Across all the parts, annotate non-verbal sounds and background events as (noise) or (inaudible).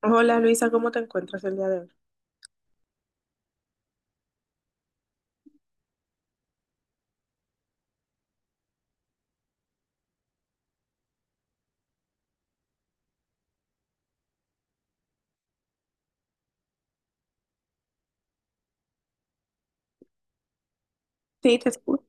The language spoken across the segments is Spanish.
Hola Luisa, ¿cómo te encuentras el día de hoy? Sí, te escucho.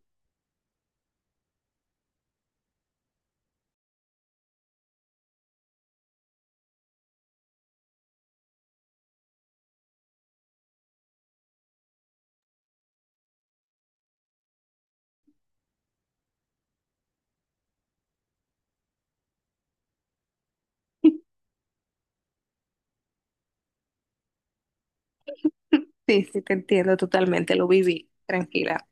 Sí, sí, te entiendo totalmente, lo viví, tranquila.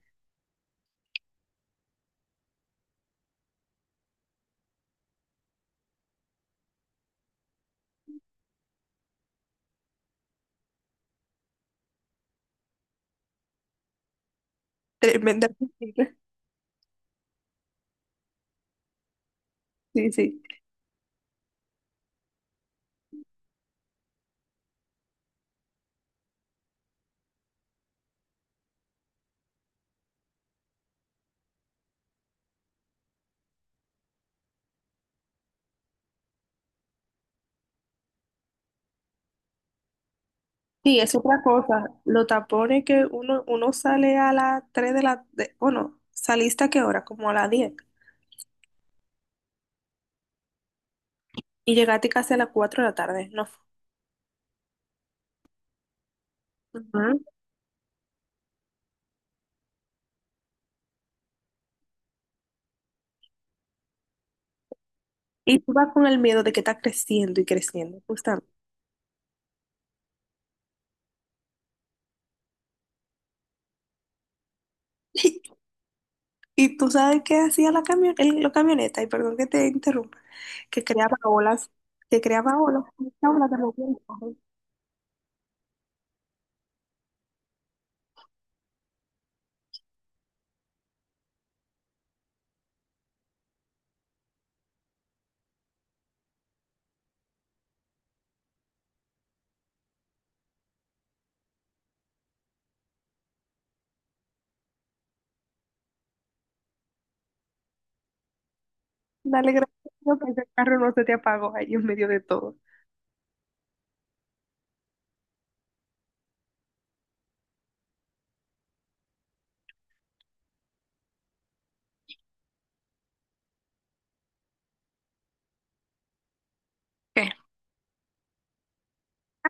Tremenda piscina. (laughs) Sí, sí. Sí, es otra cosa. Los tapones que uno sale a las tres de la... bueno, ¿saliste a qué hora? Como a las diez. Y llegaste casi a las cuatro de la tarde, ¿no? Ujú. Y tú vas con el miedo de que está creciendo y creciendo, justamente. (laughs) Y tú sabes qué hacía la camioneta, y perdón que te interrumpa. Que creaba olas, que creaba olas, y esa ola de los vientos. Dale gracias a Dios que ese carro no se te apagó ahí en medio de todo. ¿Qué?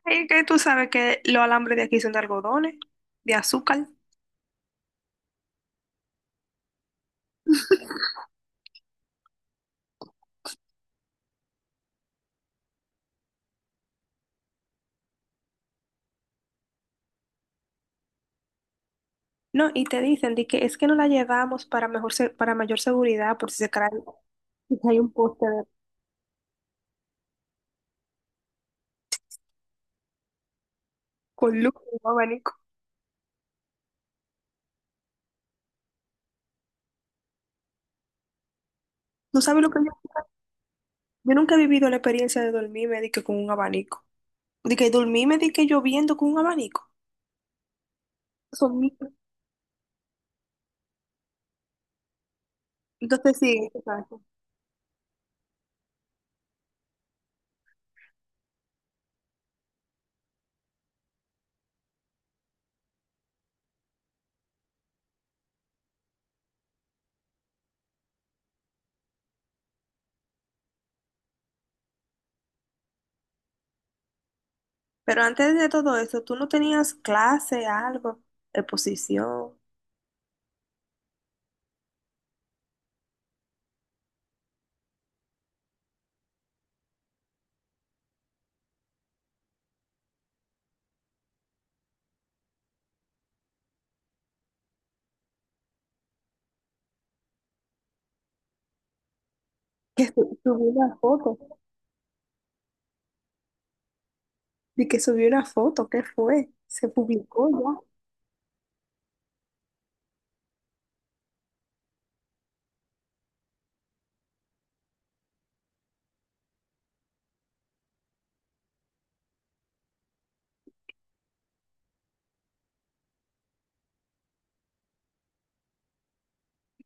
Ay, que tú sabes que los alambres de aquí son de algodones, de azúcar. No, y te dicen de que es que no la llevamos para para mayor seguridad por si se cae, si hay un con luz y un abanico. ¿Tú sabes lo que yo? Yo nunca he vivido la experiencia de dormirme de que con un abanico. De que dormirme de que lloviendo con un abanico. Son mil- Entonces sí, exacto. Pero antes de todo eso, tú no tenías clase, algo, exposición. Subí una foto. Y que subió una foto, ¿qué fue? Se publicó ya.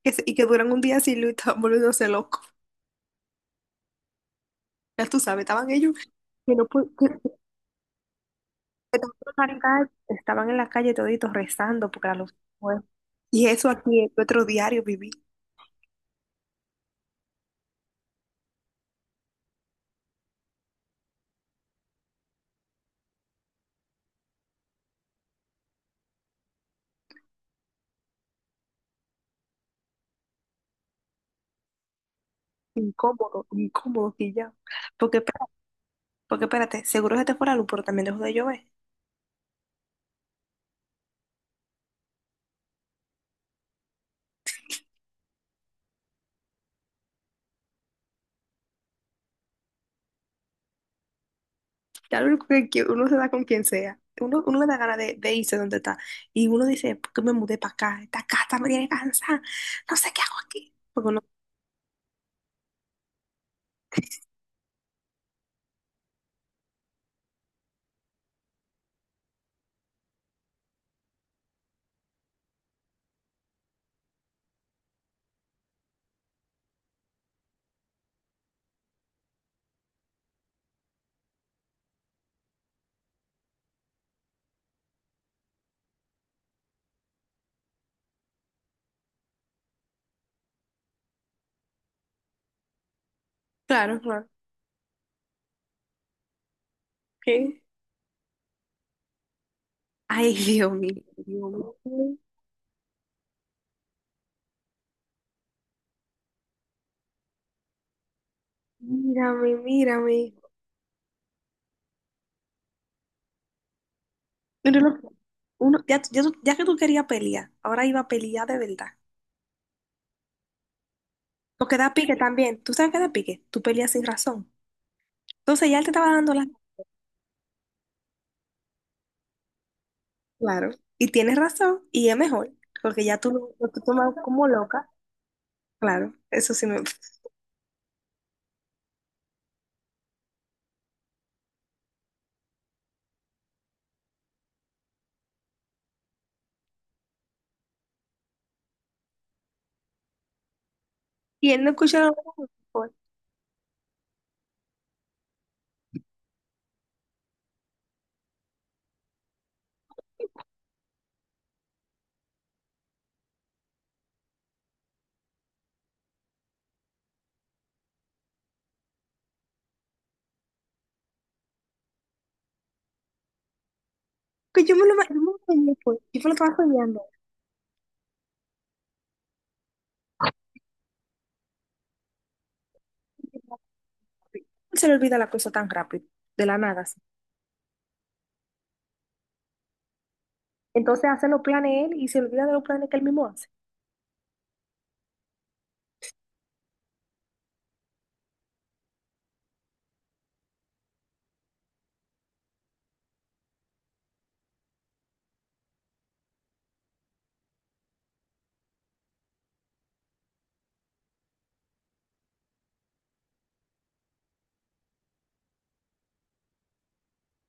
Y que duran un día sin luz, estaban volviéndose locos. Ya tú sabes, estaban ellos que no pu- que estaban en la calle, estaban en la calle toditos rezando porque la luz se fue. Y eso aquí en nuestro diario viví. Incómodo, incómodo que ya. Porque, porque espérate, seguro se te fue la luz, pero también dejó de llover. Ya lo único que uno se da con quien sea. Uno le da ganas de irse donde está. Y uno dice, ¿por qué me mudé para acá? Esta casa me tiene cansada. No sé qué hago aquí. Porque uno, claro, claro. ¿Qué? Ay, Dios mío, Dios mío. Mírame, mírame. Pero lo- Uno, ya, ya, ya que tú querías pelear, ahora iba a pelear de verdad. Porque da pique también. ¿Tú sabes qué da pique? Tú peleas sin razón. Entonces ya él te estaba dando la... Claro. Y tienes razón. Y es mejor. Porque ya tú lo que tomas como loca. Claro. Eso sí me... Y él no escuchó lo que yo me lo imaginé, pues. Yo me lo estaba soñando. Se le olvida la cosa tan rápido, de la nada, así. Entonces hace los planes él y se olvida de los planes que él mismo hace.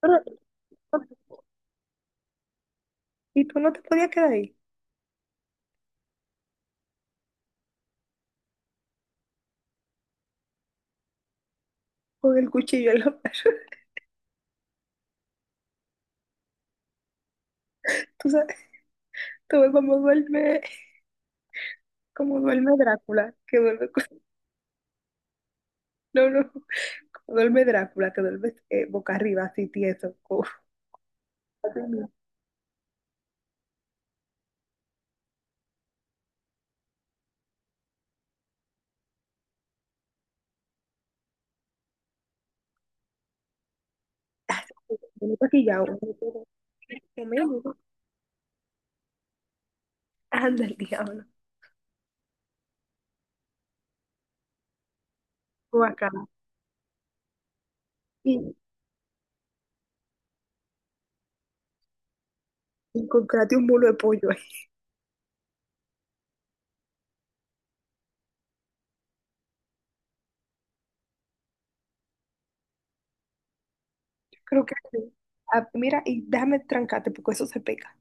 Pero, y tú no te podías quedar ahí con el cuchillo en la mano. (laughs) Tú sabes, tú ves cómo duerme, como duerme Drácula, que duerme, no, no, como duerme Drácula, que duerme boca arriba, así tieso, como así mismo, como maquillado. Como medio- Anda el diablo, guacala. Encontrate un mulo de pollo ahí. Creo que sí. Ah, mira, y déjame trancarte porque eso se pega.